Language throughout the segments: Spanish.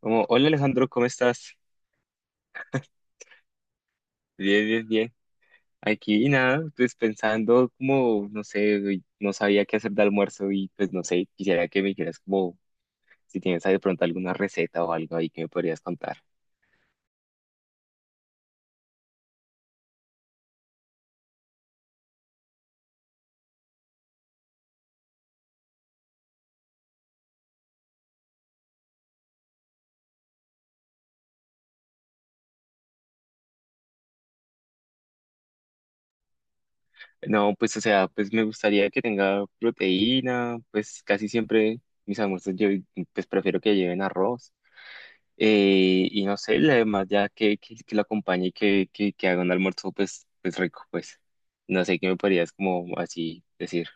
Como, hola Alejandro, ¿cómo estás? Bien, bien, bien. Aquí nada, pues pensando como, no sé, uy, no sabía qué hacer de almuerzo y pues no sé, quisiera que me dijeras como si tienes ahí de pronto alguna receta o algo ahí que me podrías contar. No, pues o sea, pues me gustaría que tenga proteína, pues casi siempre mis almuerzos yo pues prefiero que lleven arroz. Y no sé, además ya que lo acompañe y que haga un almuerzo pues, pues rico, pues no sé qué me podrías como así decir.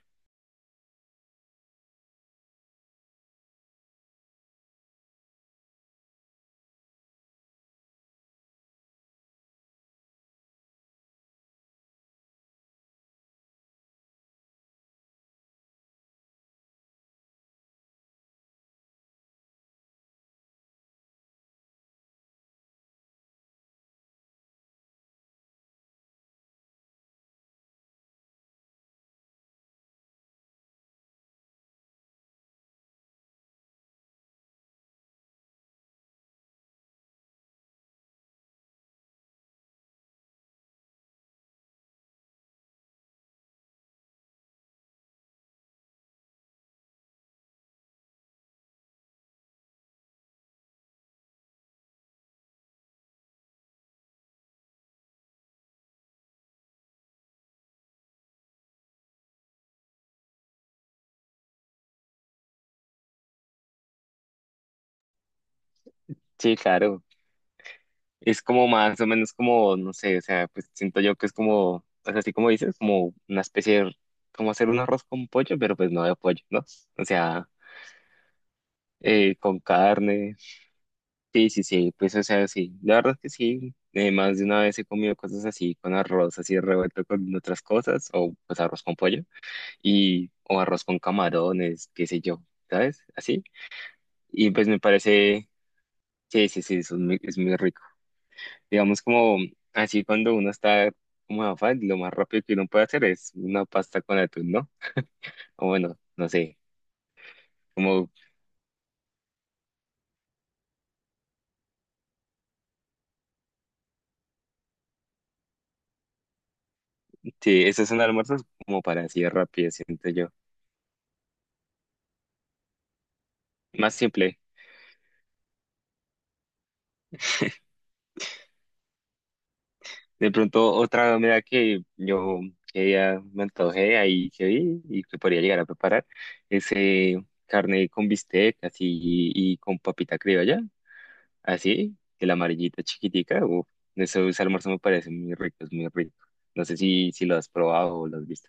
Sí, claro. Es como más o menos como, no sé, o sea, pues siento yo que es como, pues así como dices, como una especie de, como hacer un arroz con pollo, pero pues no de pollo, ¿no? O sea, con carne. Sí, sí, sí, pues o sea, sí. La verdad es que sí. Más de una vez he comido cosas así, con arroz así revuelto con otras cosas, o pues arroz con pollo, y, o arroz con camarones, qué sé yo, ¿sabes? Así. Y pues me parece, sí, sí, sí, es muy rico. Digamos como así cuando uno está como en afán, lo más rápido que uno puede hacer es una pasta con atún, ¿no? O bueno, no sé, como sí, esos son almuerzos como para así de rápido, siento yo. Más simple. De pronto otra comida que yo que ya me antojé ahí que vi y que podría llegar a preparar es carne con bistec así y, con papita criolla. Así, que la amarillita chiquitica, uf, eso, ese almuerzo me parece muy rico, es muy rico. No sé si, si lo has probado o lo has visto.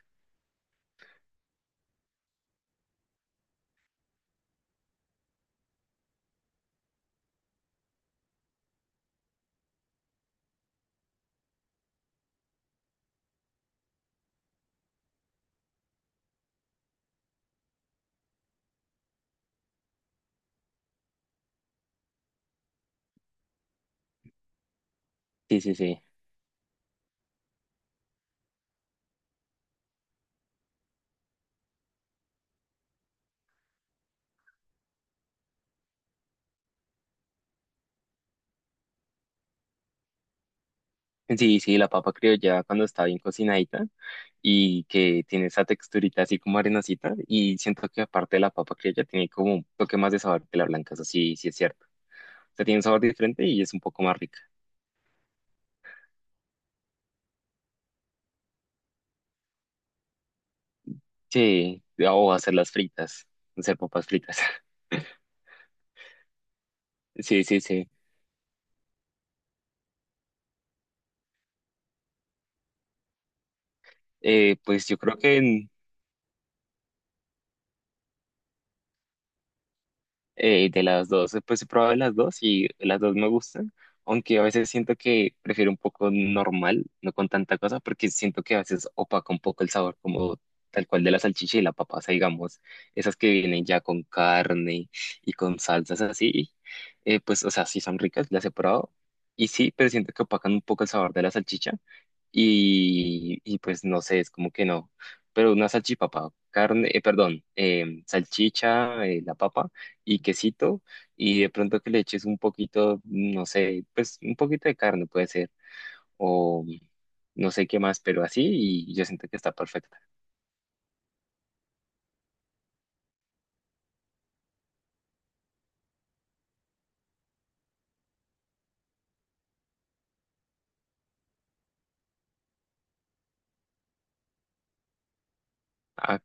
Sí, sí, sí. Sí, sí, la papa criolla cuando está bien cocinadita y que tiene esa texturita así como arenosita y siento que aparte de la papa criolla tiene como un toque más de sabor que la blanca, eso sí, sí es cierto. O sea, tiene un sabor diferente y es un poco más rica. Sí, o hacer las fritas, hacer papas fritas. Sí, sí, sí. Pues yo creo que de las dos, pues he probado las dos y las dos me gustan, aunque a veces siento que prefiero un poco normal, no con tanta cosa, porque siento que a veces opaca un poco el sabor, como tal cual de la salchicha y la papa, o sea, digamos, esas que vienen ya con carne y con salsas así, pues, o sea, sí son ricas, las he probado, y sí, pero siento que opacan un poco el sabor de la salchicha, y pues no sé, es como que no, pero una salchipapa, carne, perdón, salchicha, la papa y quesito y de pronto que le eches un poquito, no sé, pues un poquito de carne puede ser o no sé qué más, pero así y yo siento que está perfecta. Ah,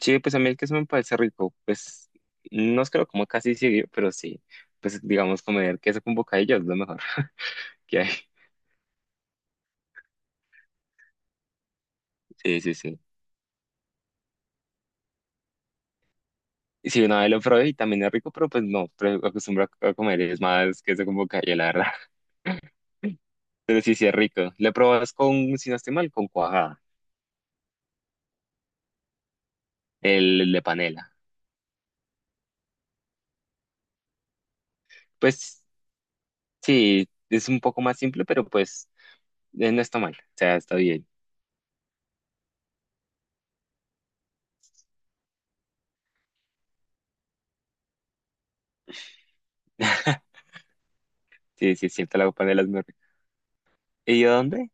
sí, pues a mí el queso me parece rico, pues no es que lo como casi seguido, pero sí, pues digamos comer queso con bocadillo es lo mejor que hay. Sí, sí, sí. Y sí, una vez lo probé y también es rico, pero pues no, pero acostumbro a comer es más queso con bocadillo, la verdad. Pero sí, sí es rico. Le probas con, si no estoy mal, con cuajada, el de panela. Pues sí, es un poco más simple, pero pues no está mal. O sea, está bien. Sí, sí, es cierto, la copa de las muy rica. ¿Y a dónde?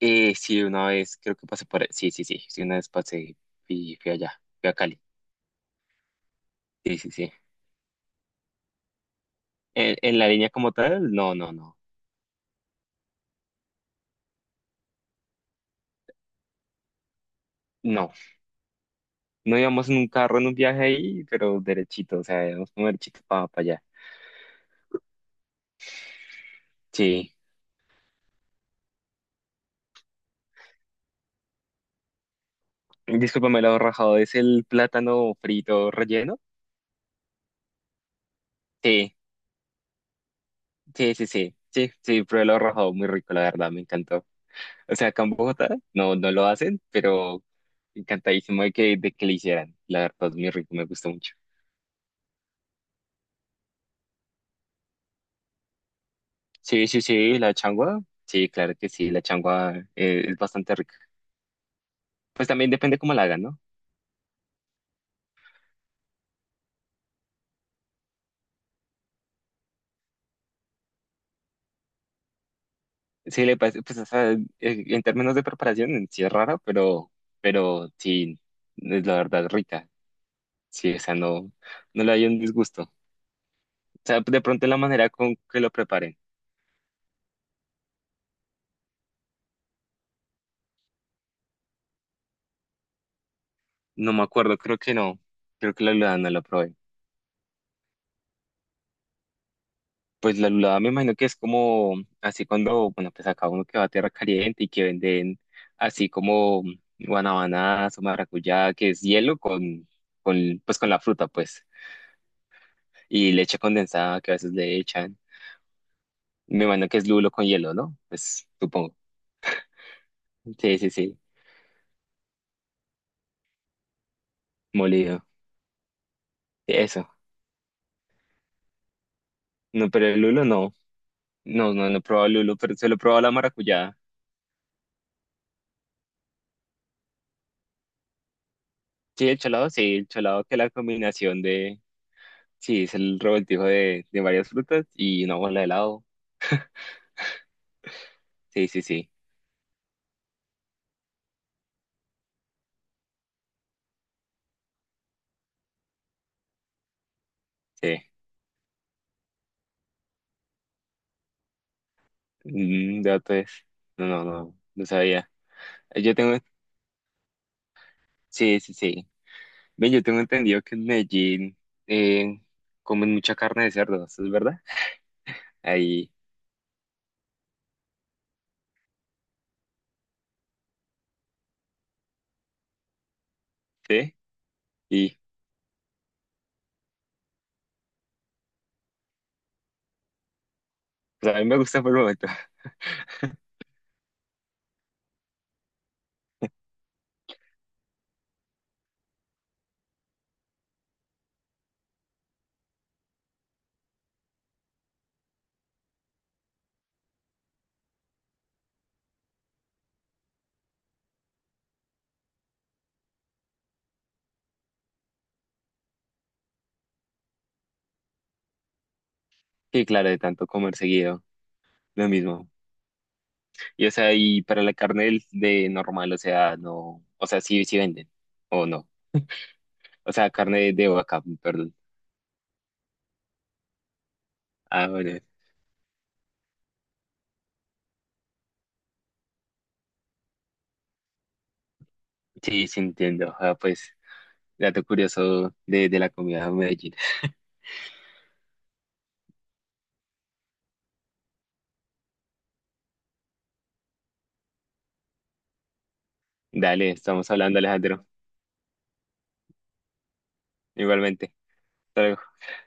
Sí, una vez creo que pasé por... Sí, sí, sí, sí, una vez pasé y fui allá, fui a Cali. Sí, sí, sí. En la línea como tal? No, no, no. No, no íbamos en un carro en un viaje ahí, pero derechito, o sea, íbamos como derechito para allá. Sí. Discúlpame lo rajado, ¿es el plátano frito relleno? Sí, sí, sí, sí, sí, sí, probé lo rajado, muy rico, la verdad, me encantó. O sea, acá en Bogotá no, no lo hacen, pero encantadísimo de que lo hicieran. La verdad es muy rico, me gusta mucho. Sí, sí, sí, la changua. Sí, claro que sí, la changua es bastante rica. Pues también depende cómo la hagan, ¿no? Sí, le parece, pues o sea, en términos de preparación en sí es raro, pero sí, es la verdad rica. Sí, o sea, no, no le hay un disgusto. O sea, de pronto la manera con que lo preparen. No me acuerdo, creo que no. Creo que la verdad no lo probé. Pues la lulada me imagino que es como así cuando, bueno, pues acá uno que va a tierra caliente y que venden así como guanabanas o maracuyá, que es hielo con, pues con la fruta, pues, y leche condensada que a veces le echan. Me imagino que es lulo con hielo, ¿no? Pues supongo. Sí, sí, sí, molido. Eso. No, pero el lulo no. No, no, no he probado el lulo, pero se lo he probado la maracuyá. Sí, el cholado que es la combinación de, sí, es el revoltijo de varias frutas y una bola de helado. Sí, sí, sí, sí. Mm, dato es. No, no, no, no sabía. Yo tengo, sí, sí, sí. Ven, yo tengo entendido que en Medellín eh, comen mucha carne de cerdo, ¿eso es verdad? Ahí, sí. Y pues, a mí me gusta por el momento. Sí, claro, de tanto comer seguido, lo mismo. Y o sea, y para la carne del- de normal, o sea, no, o sea, sí, sí venden, o no. O sea, carne de vaca, perdón. Ah, bueno, sí, sí entiendo. Ah, pues, dato curioso de la comida de Medellín. Dale, estamos hablando, Alejandro. Igualmente. Hasta luego.